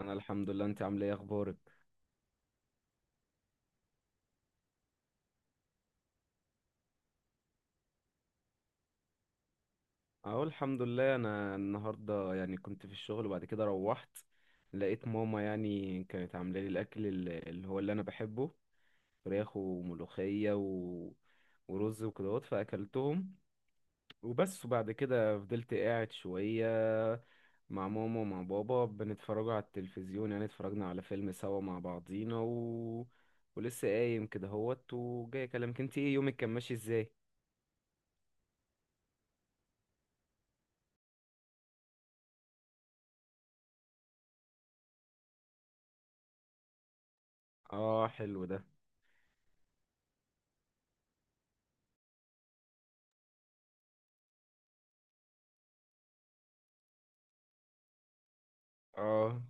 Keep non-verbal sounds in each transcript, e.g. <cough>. انا الحمد لله. انت عامله ايه؟ اخبارك؟ اهو الحمد لله. انا النهارده كنت في الشغل وبعد كده روحت، لقيت ماما كانت عامله لي الاكل اللي هو اللي انا بحبه. فراخ وملوخيه ورز وكدهوت، فاكلتهم وبس. وبعد كده فضلت قاعد شويه مع ماما ومع بابا، بنتفرجوا على التلفزيون. اتفرجنا على فيلم سوا مع بعضينا ولسه قايم كده هوت وجاي اكلمك. انت ايه يومك كان ماشي ازاي؟ اه، حلو ده. اه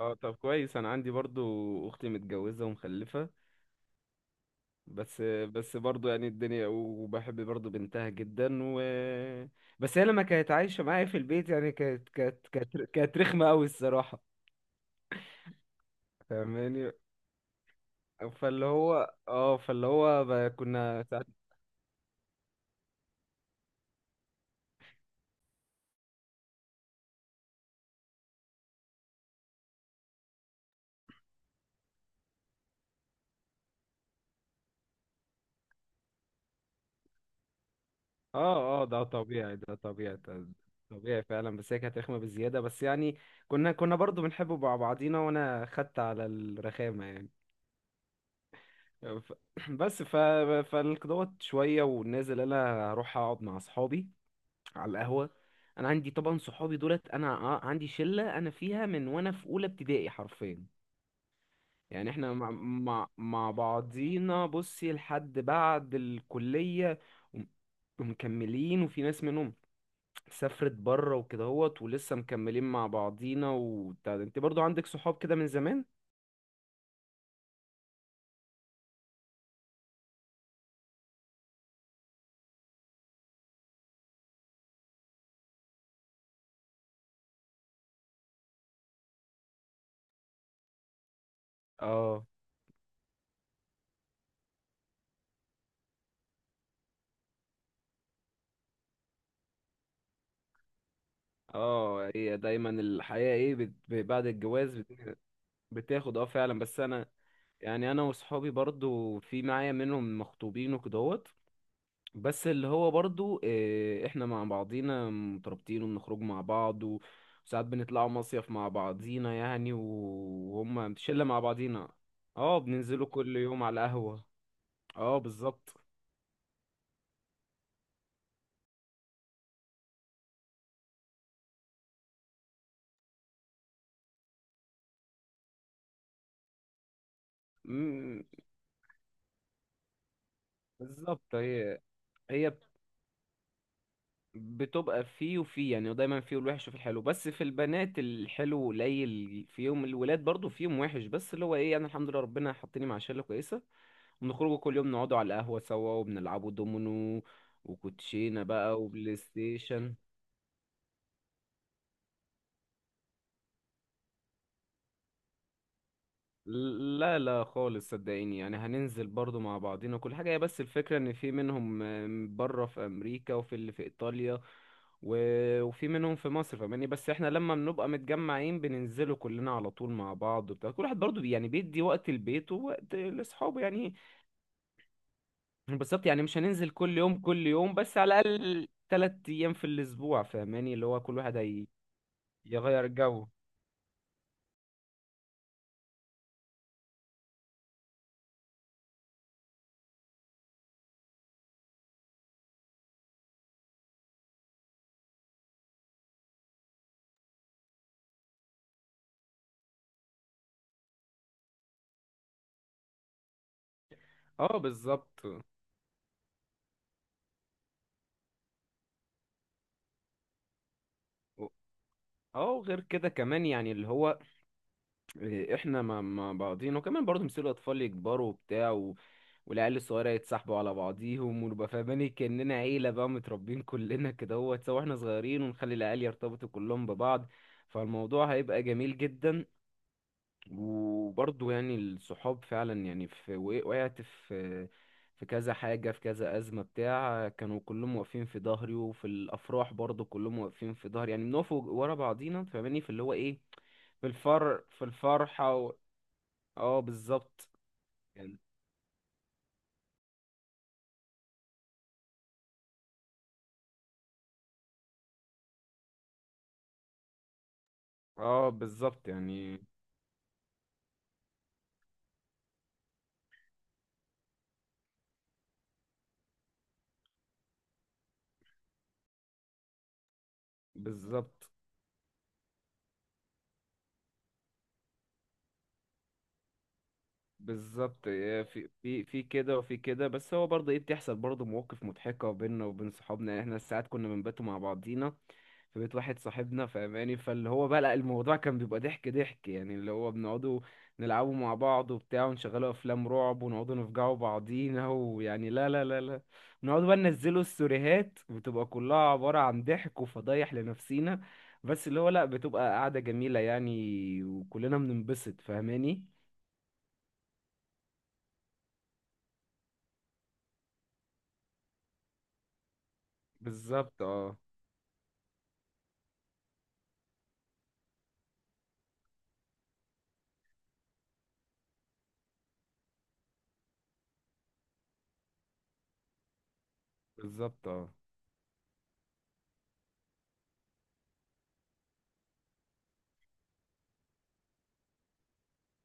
اه، طب كويس. انا عندي برضو اختي متجوزة ومخلفة بس، برضو يعني الدنيا، وبحب برضو بنتها جدا. و بس هي لما كانت عايشة معايا في البيت، يعني كانت رخمة قوي الصراحة، فاهماني؟ فاللي هو اه فاللي هو ب- كنا ساعات. اه اه، ده طبيعي، ده طبيعي فعلا. بس هي كانت رخمة بزيادة، بس يعني كنا برضو بنحب مع بعضينا، وانا خدت على الرخامة يعني. ف- <clears throat> بس ف... فالقدوات شوية ونازل أنا أروح أقعد مع أصحابي على القهوة. أنا عندي طبعا صحابي دولت. أنا عندي شلة أنا فيها من وأنا في أولى ابتدائي حرفيا. يعني إحنا مع بعضينا بصي لحد بعد الكلية وم- ومكملين. وفي ناس منهم سافرت بره وكده هوت، ولسه مكملين مع بعضينا وبتاع ده. أنت برضو عندك صحاب كده من زمان؟ اه اه، هي دايما الحياة ايه بعد الجواز بتاخد. اه فعلا. بس انا يعني، انا وصحابي برضو في معايا منهم مخطوبين وكدهوت، بس اللي هو برضو آه، احنا مع بعضينا مترابطين وبنخرج مع بعض وساعات بنطلعوا مصيف مع بعضينا، وهم شلة مع بعضينا. اه، بننزلوا كل يوم على القهوة. اه بالظبط. مم، بالظبط. هي بتبقى فيه وفيه يعني، ودايما فيه الوحش وفيه الحلو. بس في البنات الحلو قليل فيهم، الولاد برضو فيهم وحش، بس اللي هو ايه، انا الحمد لله ربنا حطني مع شله كويسه. بنخرجوا كل يوم نقعدوا على القهوه سوا، وبنلعبوا دومينو وكوتشينه بقى وبلاي ستيشن. لا لا خالص، صدقيني يعني هننزل برضو مع بعضنا كل حاجة. هي بس الفكرة ان في منهم آم، بره في امريكا، وفي اللي في ايطاليا، وفي منهم في مصر، فاهماني؟ بس احنا لما بنبقى متجمعين بننزلوا كلنا على طول مع بعض وبتاع. كل واحد برضو يعني بيدي وقت البيت ووقت لاصحابه يعني. بالظبط، يعني مش هننزل كل يوم كل يوم، بس على الاقل تلات ايام في الاسبوع، فاهماني؟ اللي هو كل واحد هي يغير جو. اه بالظبط. و- اه، وغير كده كمان يعني اللي هو إيه، احنا ما بعضينا، وكمان برضه مثل الاطفال يكبروا وبتاع، والعيال الصغيره يتسحبوا على بعضيهم، ونبقى فاهمين كاننا عيله بقى، متربين كلنا كده هو سوا احنا صغيرين، ونخلي العيال يرتبطوا كلهم ببعض، فالموضوع هيبقى جميل جدا. وبرضه يعني الصحاب فعلا، يعني في وقعت في في كذا حاجه، في كذا ازمه بتاع كانوا كلهم واقفين في ظهري، وفي الافراح برضه كلهم واقفين في ظهري. يعني بنقف ورا بعضينا، فاهماني؟ في اللي هو ايه، في الفرحة. اه بالظبط يعني. اه بالظبط يعني. بالظبط. بالظبط إيه، في كده وفي كده. بس هو برضه ايه، بتحصل برضه مواقف مضحكة بيننا وبين صحابنا. يعني احنا ساعات كنا بنباتوا مع بعضينا في بيت واحد صاحبنا، فاهماني؟ فاللي هو بقى لا، الموضوع كان بيبقى ضحك ضحك. يعني اللي هو بنقعدوا نلعبوا مع بعض وبتاع، ونشغلوا افلام رعب، ونقعدوا نفجعوا بعضينا، ويعني لا لا لا لا. نقعدوا بقى ننزلوا السوريهات، بتبقى كلها عبارة عن ضحك وفضايح لنفسينا. بس اللي هو لا بتبقى قعدة جميلة يعني، وكلنا بننبسط فاهماني؟ بالظبط اه. بالظبط. اه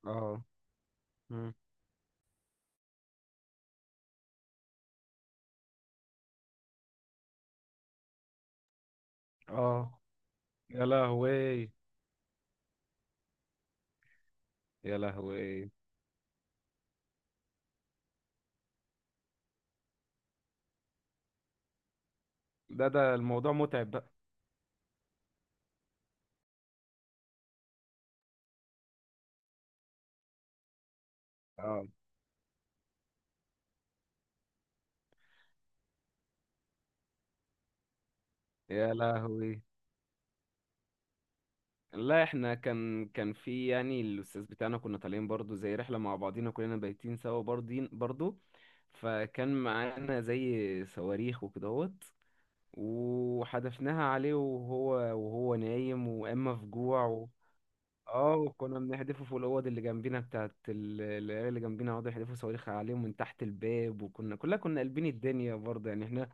اه. مم. اه، يا لهوي. يا لهوي، ده الموضوع متعب بقى. اه، يا لهوي. لا احنا كان في يعني الاستاذ بتاعنا، كنا طالعين برضو زي رحله مع بعضينا كلنا، بايتين سوا برضين برضو. فكان معانا زي صواريخ وكدهوت، وحدفناها عليه وهو نايم واما في جوع اه. وكنا بنحدفه فوق الاوض اللي جنبينا بتاعت العيال. اللي جنبينا قعدوا يحدفوا صواريخ عليهم من تحت الباب، وكنا كلنا كنا قلبين الدنيا برضه يعني. احنا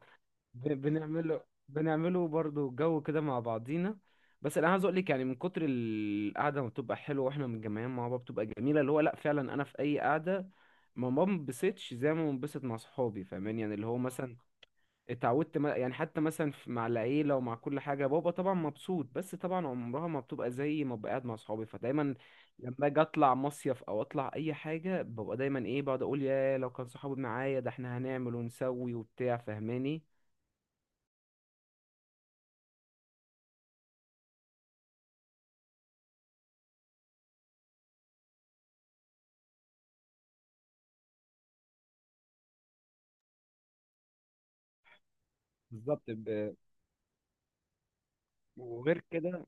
ب- بنعمله، بنعمله برضو جو كده مع بعضينا. بس انا عايز اقول لك، يعني من كتر القعده ما بتبقى حلوه واحنا متجمعين مع بعض بتبقى جميله، اللي هو لا فعلا انا في اي قعده ما بنبسطش زي ما بنبسط مع صحابي. فاهمين يعني اللي هو مثلا اتعودت يعني حتى مثلا مع العيله ومع كل حاجه. بابا طبعا مبسوط، بس طبعا عمرها ما بتبقى زي ما ببقى قاعد مع صحابي. فدايما لما اجي اطلع مصيف او اطلع اي حاجه، ببقى دايما ايه، بقعد اقول يا لو كان صحابي معايا، ده احنا هنعمل ونسوي وبتاع فاهماني؟ بالظبط. وغير كده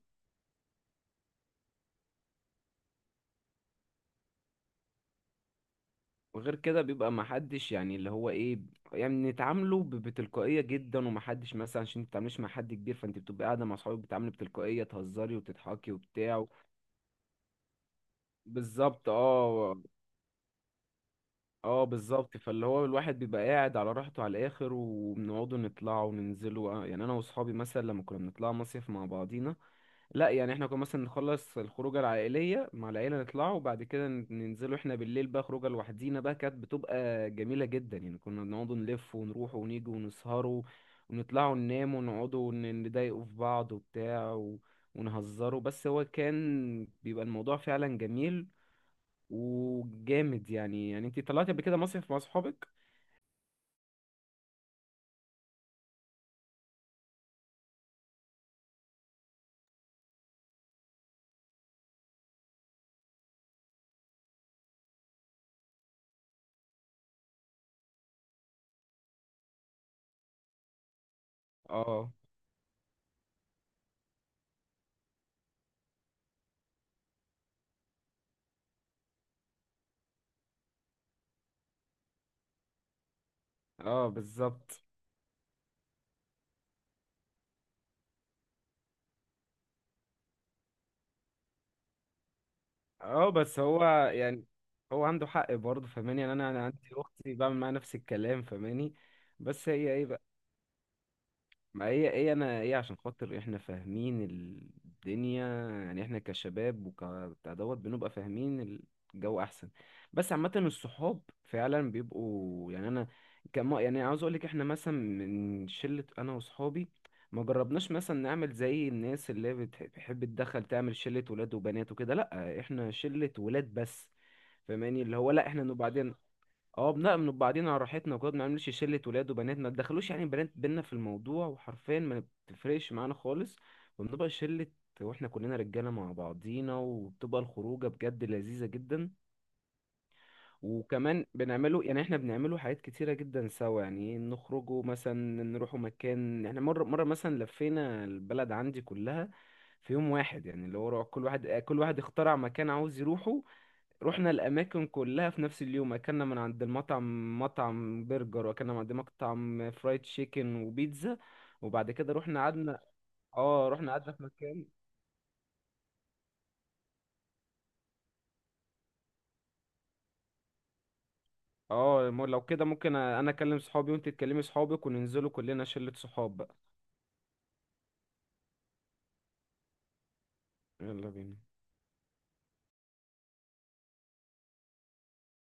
وغير كده بيبقى محدش يعني اللي هو ايه، يعني نتعامله بتلقائية جدا. ومحدش مثلا، عشان متتعامليش مع حد كبير، فانت بتبقى قاعدة مع صحابك بتتعاملي بتلقائية، تهزري وتضحكي وبتاع. بالظبط اه. اه بالظبط. فاللي هو الواحد بيبقى قاعد على راحته على الاخر، وبنقعدوا نطلعوا وننزلوا آه، يعني انا واصحابي مثلا لما كنا بنطلع مصيف مع بعضينا، لا يعني احنا كنا مثلا نخلص الخروجه العائليه مع العيله، نطلعوا وبعد كده ننزلوا احنا بالليل بقى خروجه لوحدينا بقى. كانت بتبقى جميله جدا يعني. كنا بنقعدوا نلف ونروح ونيجي ونسهروا، ونطلعوا ننام، ونقعدوا نضايقوا في بعض وبتاع ونهزروا. بس هو كان بيبقى الموضوع فعلا جميل وجامد يعني. يعني انت طلعتي قبل كده مصيف مع صحابك؟ اه اه بالظبط اه. بس هو يعني هو عنده حق برضه، فاهماني؟ يعني انا عندي اختي بعمل معاها نفس الكلام، فاهماني؟ بس هي ايه، ما هي ايه انا ايه، عشان خاطر احنا فاهمين الدنيا. يعني احنا كشباب وكبتاع دوت بنبقى فاهمين الجو احسن. بس عامة الصحاب فعلا بيبقوا، يعني انا كما يعني عاوز اقولك، احنا مثلا من شلة انا وصحابي ما جربناش مثلا نعمل زي الناس اللي بتحب تدخل تعمل شلة ولاد وبنات وكده. لا، احنا شلة ولاد بس، فاهماني؟ اللي هو لا احنا نبقى بعدين اه بنأمن بعدين على راحتنا وكده. ما بنعملش شلة ولاد وبنات، ما تدخلوش يعني بنات بينا في الموضوع وحرفيا ما بتفرقش معانا خالص. وبنبقى شلة، واحنا كلنا رجالة مع بعضينا، وبتبقى الخروجة بجد لذيذة جدا. وكمان بنعمله يعني، احنا بنعمله حاجات كتيرة جدا سوا. يعني نخرجوا مثلا نروحوا مكان. احنا مرة مرة مثلا لفينا البلد عندي كلها في يوم واحد. يعني اللي هو كل واحد اخترع مكان عاوز يروحه، رحنا الأماكن كلها في نفس اليوم. أكلنا من عند المطعم، مطعم برجر، وأكلنا من عند مطعم فرايد تشيكن وبيتزا. وبعد كده رحنا قعدنا. اه رحنا قعدنا في مكان. اه لو كده ممكن أنا أكلم صحابي وأنت تكلمي صحابك، وننزلوا كلنا شلة صحاب بقى. يلا بينا.